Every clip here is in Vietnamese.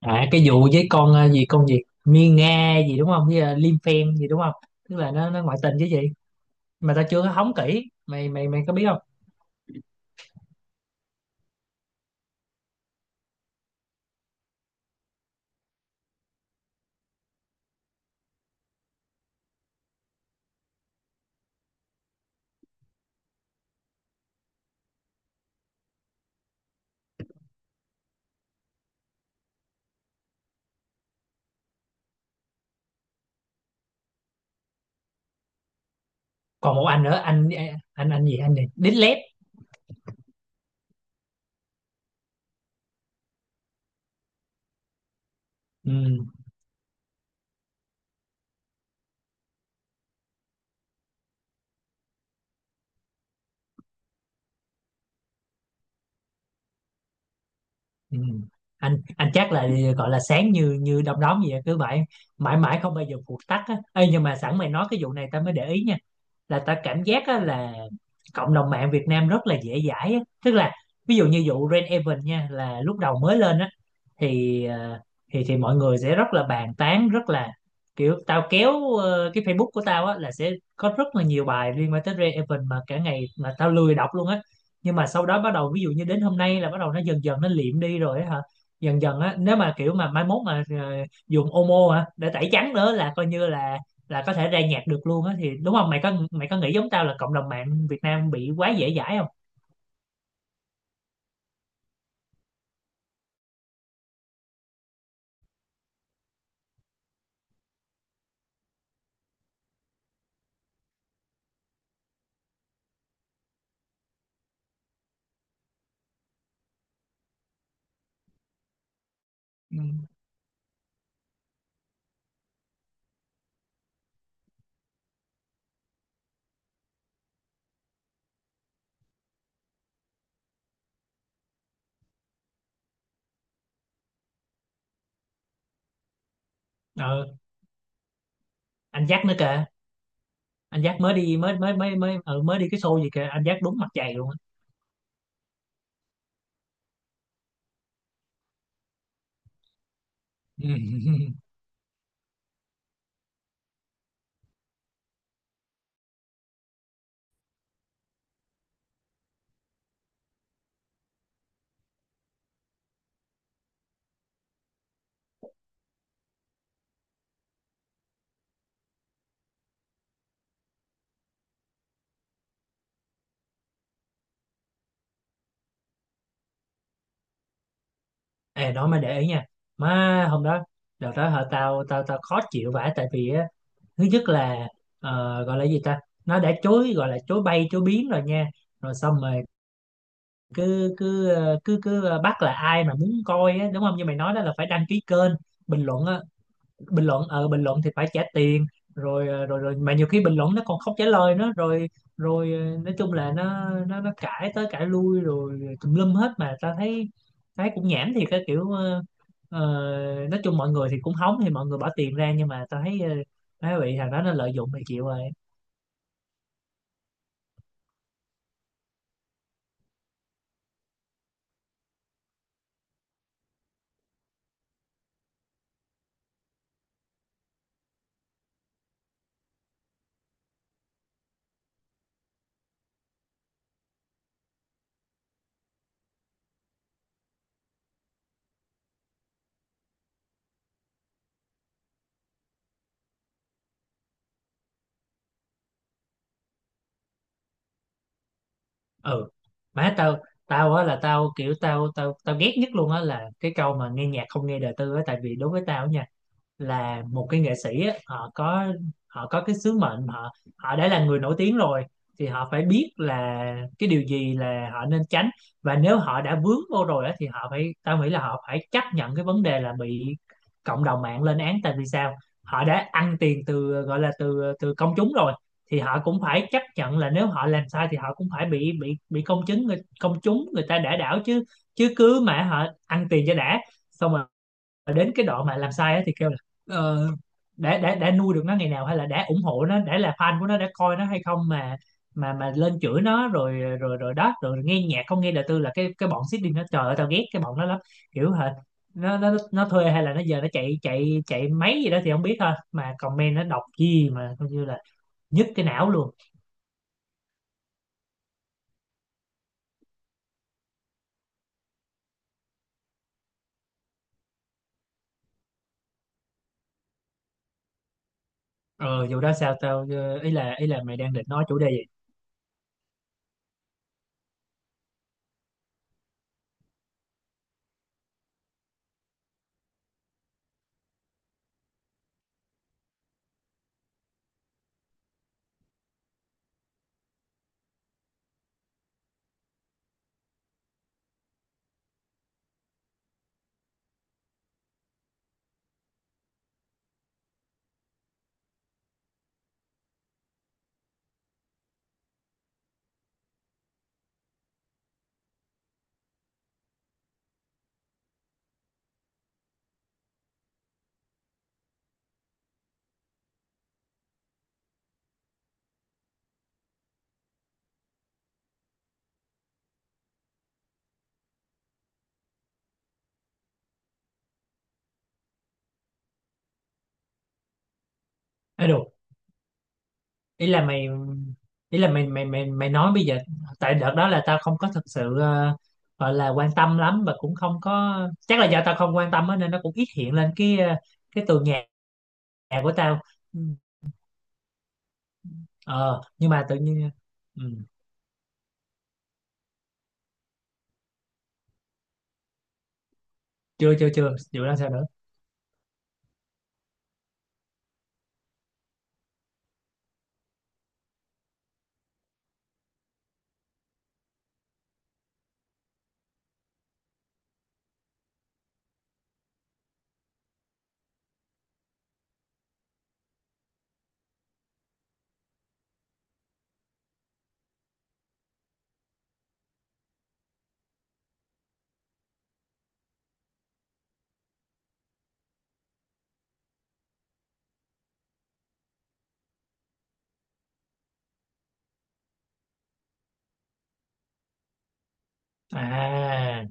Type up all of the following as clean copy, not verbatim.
À, cái vụ với con gì con gì Miên Nga gì đúng không với Lim Phen gì đúng không. Tức là nó ngoại tình chứ gì, mà tao chưa có hóng kỹ, mày mày mày có biết không? Còn một anh nữa anh này Đít Lép. ừ, ừ. anh chắc là gọi là sáng như như đom đóm gì á, cứ vậy mãi mãi không bao giờ phụt tắt á. Ê, nhưng mà sẵn mày nói cái vụ này tao mới để ý nha, là tao cảm giác á, là cộng đồng mạng Việt Nam rất là dễ dãi á. Tức là ví dụ như vụ Rain Event nha, là lúc đầu mới lên á thì thì mọi người sẽ rất là bàn tán, rất là kiểu tao kéo cái Facebook của tao á là sẽ có rất là nhiều bài liên quan tới Ray Evan mà cả ngày, mà tao lười đọc luôn á. Nhưng mà sau đó bắt đầu ví dụ như đến hôm nay là bắt đầu nó dần dần nó liệm đi rồi á hả. Dần dần á, nếu mà kiểu mà mai mốt mà dùng Omo hả để tẩy trắng nữa là coi như là có thể ra nhạc được luôn á thì đúng không? Mày có mày có nghĩ giống tao là cộng đồng mạng Việt Nam bị quá dễ dãi không? ừ. ờ anh Jack nữa kìa. Anh Giác mới đi mới mới mới mới mới đi cái show gì kìa, anh Giác đúng mặt dày luôn á. Ê, đó mới để ý nha. Má, hôm đó, đợt đó hả, tao tao tao khó chịu vãi, tại vì á thứ nhất là gọi là gì ta, nó đã chối, gọi là chối bay chối biến rồi nha. Rồi xong rồi cứ cứ ờ, bắt là ai mà muốn coi á, đúng không, như mày nói đó là phải đăng ký kênh, bình luận bình luận bình luận thì phải trả tiền. Rồi ờ, rồi rồi mà nhiều khi bình luận nó còn không trả lời nữa. Rồi rồi ờ, nói chung là nó cãi tới cãi lui rồi tùm lum hết, mà ta thấy thấy cũng nhảm thiệt, cái kiểu ờ, nói chung mọi người thì cũng hóng thì mọi người bỏ tiền ra, nhưng mà ta thấy thấy bị thằng đó nó lợi dụng thì chịu rồi. Ừ. Má tao, tao á là tao kiểu tao tao tao ghét nhất luôn á là cái câu mà nghe nhạc không nghe đời tư á, tại vì đối với tao nha, là một cái nghệ sĩ á, họ có cái sứ mệnh. Họ, họ đã là người nổi tiếng rồi thì họ phải biết là cái điều gì là họ nên tránh, và nếu họ đã vướng vô rồi á, thì họ phải, tao nghĩ là họ phải chấp nhận cái vấn đề là bị cộng đồng mạng lên án. Tại vì sao? Họ đã ăn tiền từ, gọi là từ từ công chúng rồi, thì họ cũng phải chấp nhận là nếu họ làm sai thì họ cũng phải bị công chúng, người công chúng, người ta đã đảo chứ. Chứ cứ mà họ ăn tiền cho đã, xong rồi đến cái đoạn mà làm sai á thì kêu là ờ, đã nuôi được nó ngày nào, hay là đã ủng hộ nó, đã là fan của nó, đã coi nó hay không, mà mà lên chửi nó rồi. Rồi đó, rồi nghe nhạc không nghe đời tư là cái bọn Sydney nó, trời ơi tao ghét cái bọn nó lắm. Kiểu hệt, nó thuê hay là nó giờ nó chạy chạy chạy máy gì đó thì không biết thôi, mà comment nó đọc gì mà coi như là nhức cái não luôn. Ờ Dù đó sao tao, ý là mày đang định nói chủ đề gì? Ấy, ý là mày, ý là mày mày mày mày nói bây giờ. Tại đợt đó là tao không có thực sự gọi là quan tâm lắm, và cũng không có, chắc là do tao không quan tâm á nên nó cũng ít hiện lên cái cái tường nhà của tao. Ừ. ờ nhưng mà tự nhiên, ừ, chưa chưa chưa vụ đó sao nữa? À,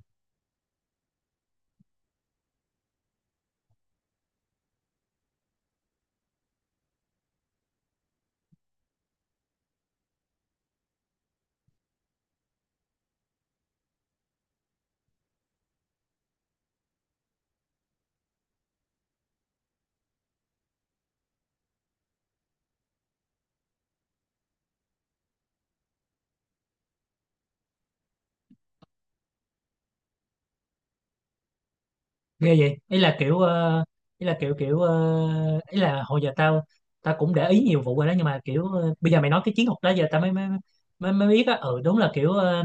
ghê vậy. Ý là kiểu ý là kiểu kiểu ờ, ý là hồi giờ tao, tao cũng để ý nhiều vụ rồi đó, nhưng mà kiểu bây giờ mày nói cái chiến thuật đó giờ tao mới biết á. Ừ, đúng là kiểu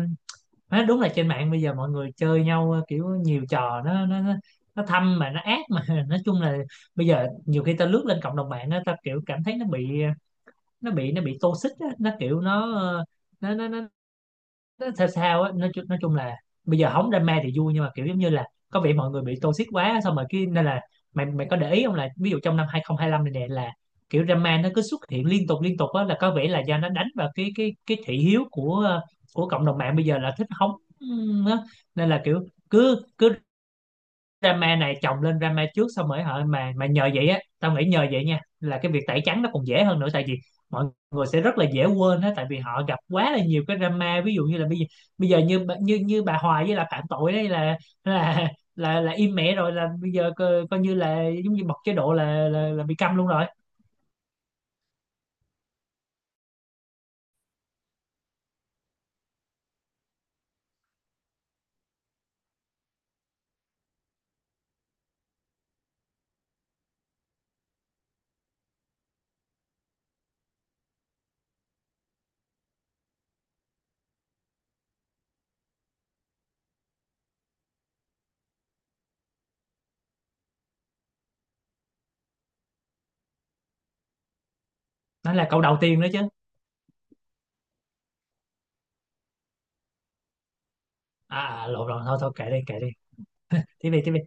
má, đúng là trên mạng bây giờ mọi người chơi nhau kiểu nhiều trò, nó thâm mà nó ác mà. Nói chung là bây giờ nhiều khi ta lướt lên cộng đồng mạng á, ta kiểu cảm thấy nó bị nó bị toxic á, nó kiểu nó nó nó, nó sao sao á. Nói chung là bây giờ hóng drama thì vui, nhưng mà kiểu giống như là có vẻ mọi người bị toxic quá, xong rồi cái nên là mày mày có để ý không là ví dụ trong năm 2025 này nè, là kiểu drama nó cứ xuất hiện liên tục á, là có vẻ là do nó đánh vào cái cái thị hiếu của của cộng đồng mạng bây giờ là thích hóng á. Nên là kiểu cứ cứ drama này chồng lên drama trước, xong rồi hả, mà nhờ vậy á, tao nghĩ nhờ vậy nha là cái việc tẩy trắng nó còn dễ hơn nữa, tại vì mọi người sẽ rất là dễ quên á, tại vì họ gặp quá là nhiều cái drama. Ví dụ như là bây giờ, bây giờ như như như bà Hoài với là phạm tội đấy là là là im mẹ rồi, là bây giờ coi, coi như là giống như bật chế độ là là bị câm luôn rồi. Đó là câu đầu tiên đó chứ. À à, lộn lộn, thôi thôi kệ đi kệ đi. Tiếp đi tiếp đi.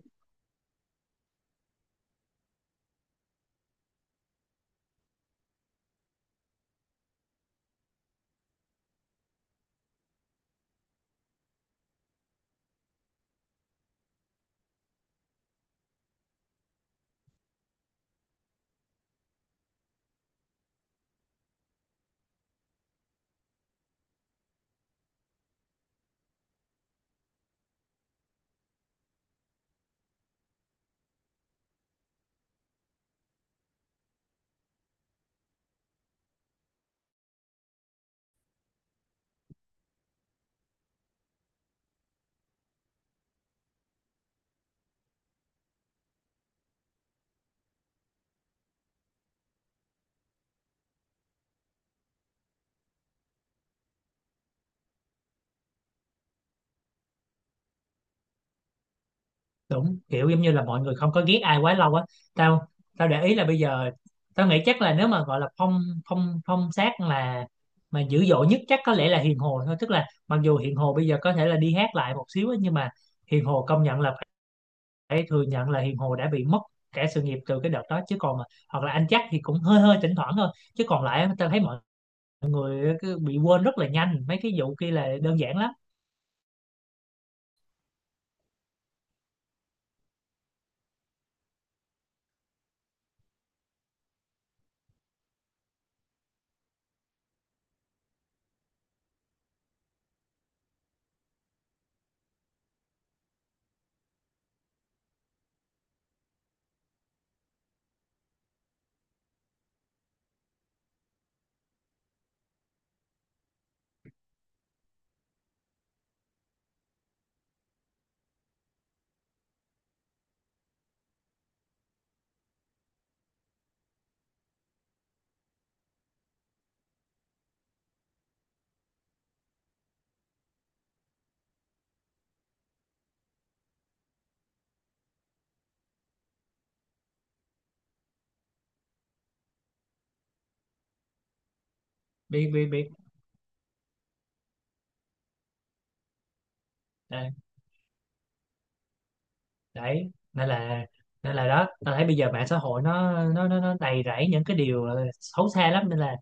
Đúng, kiểu giống như là mọi người không có ghét ai quá lâu á. Tao, tao để ý là bây giờ tao nghĩ chắc là nếu mà gọi là phong, phong sát là mà dữ dội nhất chắc có lẽ là Hiền Hồ thôi. Tức là mặc dù Hiền Hồ bây giờ có thể là đi hát lại một xíu á, nhưng mà Hiền Hồ công nhận là phải thừa nhận là Hiền Hồ đã bị mất cả sự nghiệp từ cái đợt đó. Chứ còn mà hoặc là anh chắc thì cũng hơi hơi thỉnh thoảng thôi, chứ còn lại tao thấy mọi người cứ bị quên rất là nhanh, mấy cái vụ kia là đơn giản lắm. Bị biết. Đấy nên là, nên là đó, ta thấy bây giờ mạng xã hội nó đầy rẫy những cái điều xấu xa lắm, nên là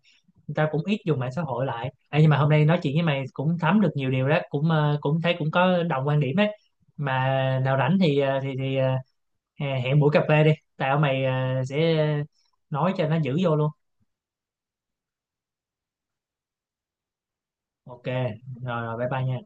người ta cũng ít dùng mạng xã hội lại. Ê, nhưng mà hôm nay nói chuyện với mày cũng thấm được nhiều điều đó, cũng cũng thấy cũng có đồng quan điểm ấy. Mà nào rảnh thì thì hẹn buổi cà phê đi. Tao mày sẽ nói cho nó giữ vô luôn. Ok, rồi rồi, bye bye nha.